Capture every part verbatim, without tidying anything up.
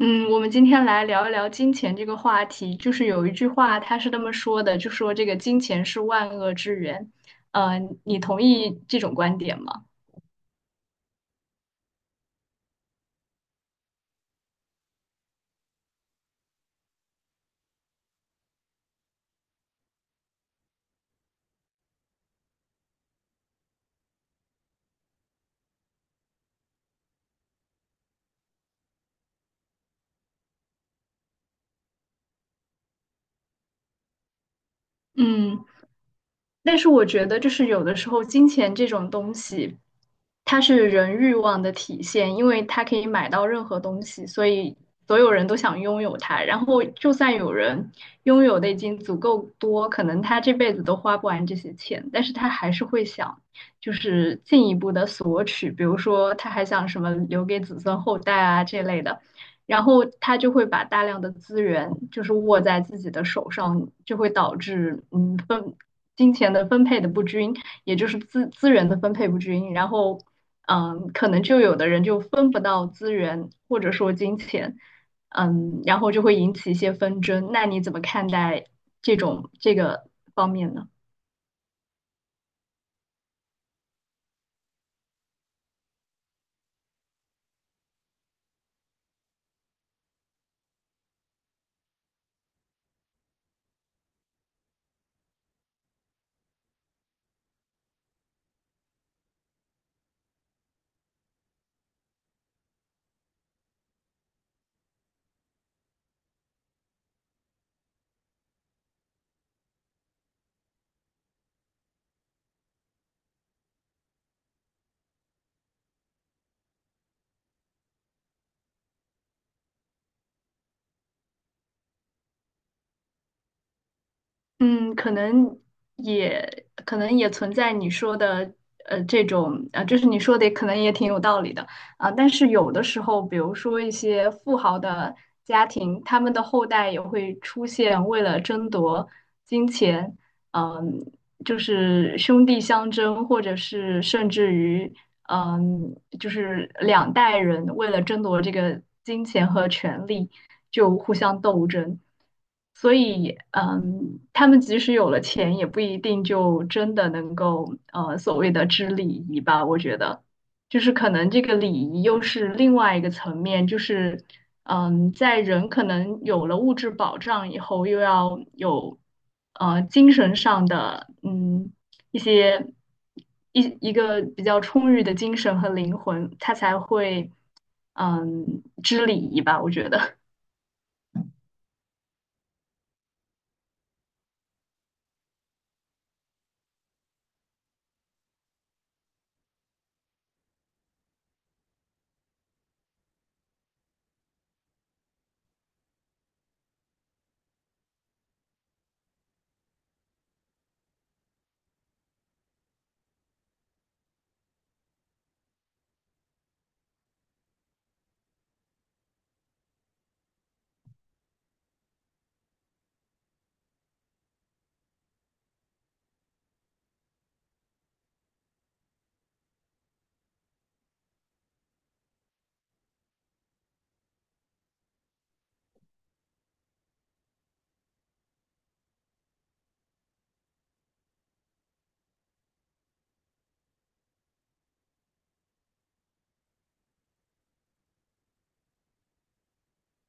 嗯，我们今天来聊一聊金钱这个话题。就是有一句话，他是这么说的，就说这个金钱是万恶之源。呃，你同意这种观点吗？嗯。但是我觉得，就是有的时候金钱这种东西，它是人欲望的体现，因为它可以买到任何东西，所以所有人都想拥有它。然后，就算有人拥有的已经足够多，可能他这辈子都花不完这些钱，但是他还是会想，就是进一步的索取，比如说他还想什么留给子孙后代啊这类的。然后他就会把大量的资源就是握在自己的手上，就会导致嗯分金钱的分配的不均，也就是资资源的分配不均，然后，嗯，可能就有的人就分不到资源或者说金钱，嗯，然后就会引起一些纷争。那你怎么看待这种这个方面呢？嗯，可能也可能也存在你说的呃这种呃，就是你说的可能也挺有道理的啊，但是有的时候，比如说一些富豪的家庭，他们的后代也会出现为了争夺金钱，嗯，就是兄弟相争，或者是甚至于嗯，就是两代人为了争夺这个金钱和权力，就互相斗争。所以，嗯，他们即使有了钱，也不一定就真的能够，呃，所谓的知礼仪吧。我觉得，就是可能这个礼仪又是另外一个层面，就是，嗯，在人可能有了物质保障以后，又要有，呃，精神上的，嗯。一些一一个比较充裕的精神和灵魂，他才会嗯知礼仪吧，我觉得。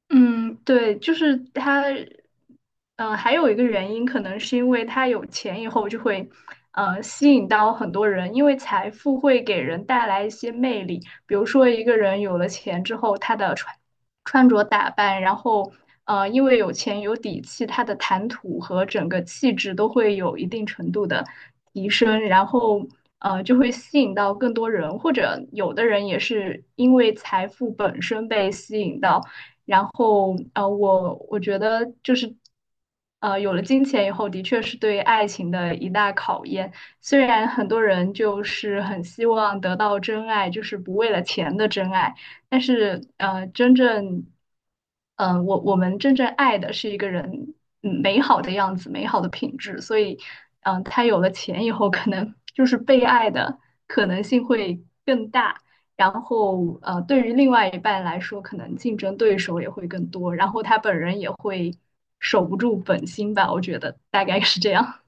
嗯，对，就是他，嗯，还有一个原因，可能是因为他有钱以后就会，呃，吸引到很多人，因为财富会给人带来一些魅力。比如说，一个人有了钱之后，他的穿穿着打扮，然后，呃，因为有钱有底气，他的谈吐和整个气质都会有一定程度的提升，然后。呃，就会吸引到更多人，或者有的人也是因为财富本身被吸引到，然后呃，我我觉得就是呃，有了金钱以后，的确是对爱情的一大考验。虽然很多人就是很希望得到真爱，就是不为了钱的真爱，但是呃，真正嗯、呃我我们真正爱的是一个人嗯美好的样子，美好的品质。所以嗯、呃他有了钱以后，可能就是被爱的可能性会更大。然后呃，对于另外一半来说，可能竞争对手也会更多，然后他本人也会守不住本心吧，我觉得大概是这样。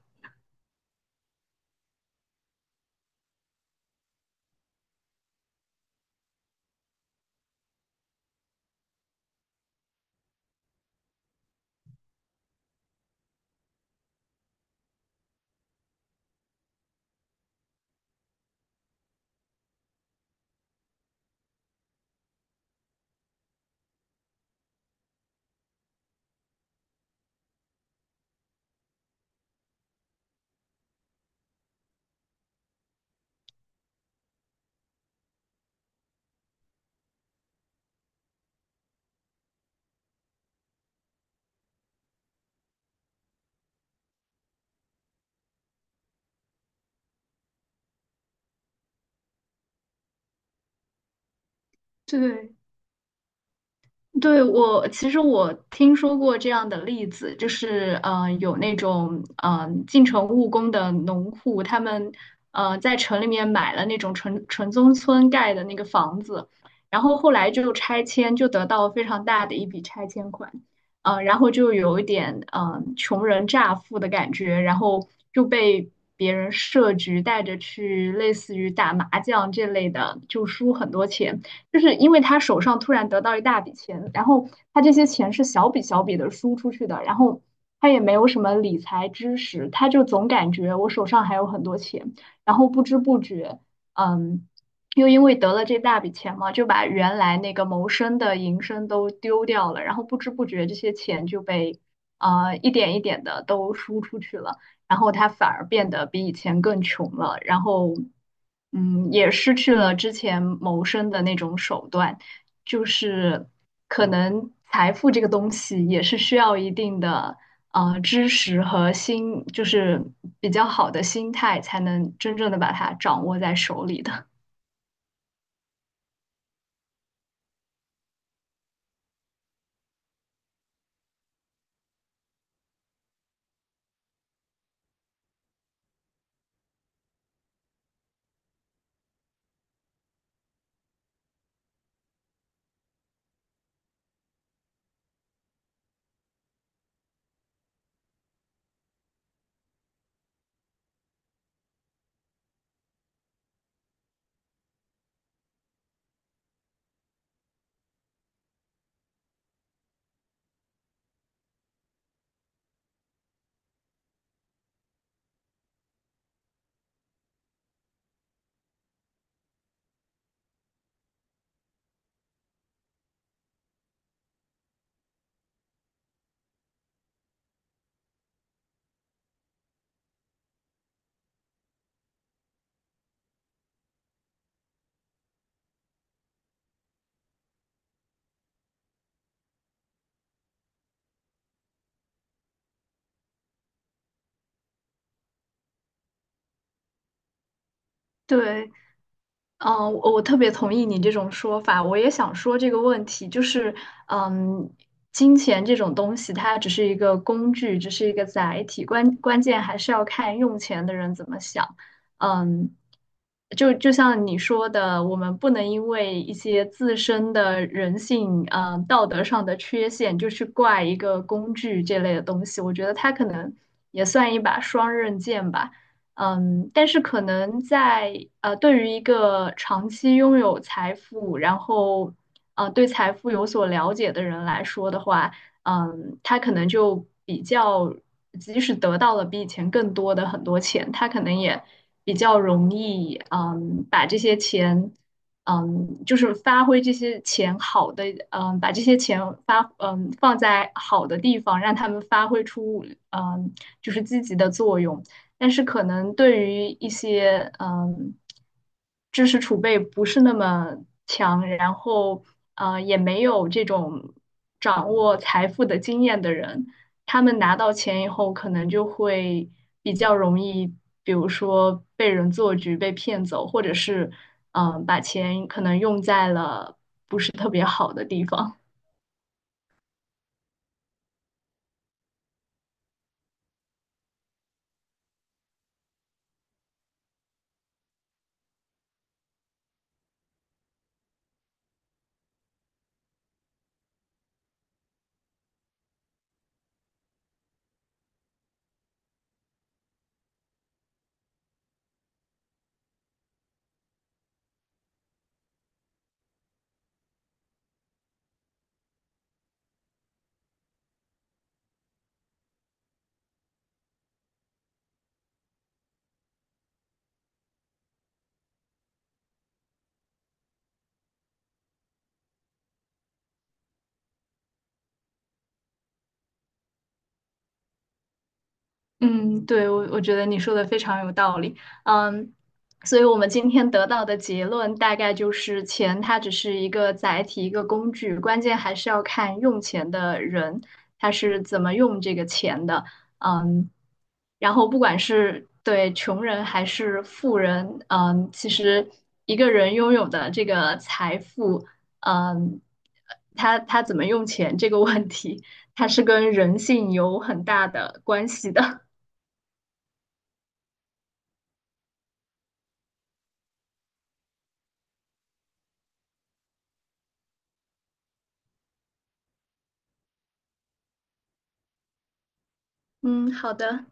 对，对，我其实我听说过这样的例子，就是呃有那种呃进城务工的农户，他们呃在城里面买了那种城城中村盖的那个房子，然后后来就拆迁，就得到非常大的一笔拆迁款，呃，然后就有一点呃穷人乍富的感觉，然后就被别人设局带着去类似于打麻将这类的，就输很多钱。就是因为他手上突然得到一大笔钱，然后他这些钱是小笔小笔的输出去的，然后他也没有什么理财知识，他就总感觉我手上还有很多钱，然后不知不觉，嗯，又因为得了这大笔钱嘛，就把原来那个谋生的营生都丢掉了，然后不知不觉这些钱就被呃一点一点的都输出去了。然后他反而变得比以前更穷了，然后嗯，也失去了之前谋生的那种手段，就是可能财富这个东西也是需要一定的呃知识和心，就是比较好的心态才能真正的把它掌握在手里的。对，嗯，我我特别同意你这种说法，我也想说这个问题，就是，嗯，金钱这种东西，它只是一个工具，只是一个载体，关关键还是要看用钱的人怎么想。嗯，就就像你说的，我们不能因为一些自身的人性、呃道德上的缺陷，就去怪一个工具这类的东西。我觉得它可能也算一把双刃剑吧。嗯，但是可能在呃，对于一个长期拥有财富，然后呃，对财富有所了解的人来说的话，嗯，他可能就比较，即使得到了比以前更多的很多钱，他可能也比较容易，嗯，把这些钱，嗯，就是发挥这些钱好的，嗯，把这些钱发，嗯，放在好的地方，让他们发挥出，嗯，就是积极的作用。但是可能对于一些嗯知识储备不是那么强，然后呃也没有这种掌握财富的经验的人，他们拿到钱以后，可能就会比较容易，比如说被人做局、被骗走，或者是嗯把钱可能用在了不是特别好的地方。嗯，对，我我觉得你说的非常有道理。嗯，所以我们今天得到的结论大概就是钱它只是一个载体，一个工具，关键还是要看用钱的人他是怎么用这个钱的。嗯，然后不管是对穷人还是富人，嗯，其实一个人拥有的这个财富，嗯，他他怎么用钱这个问题，它是跟人性有很大的关系的。嗯，好的，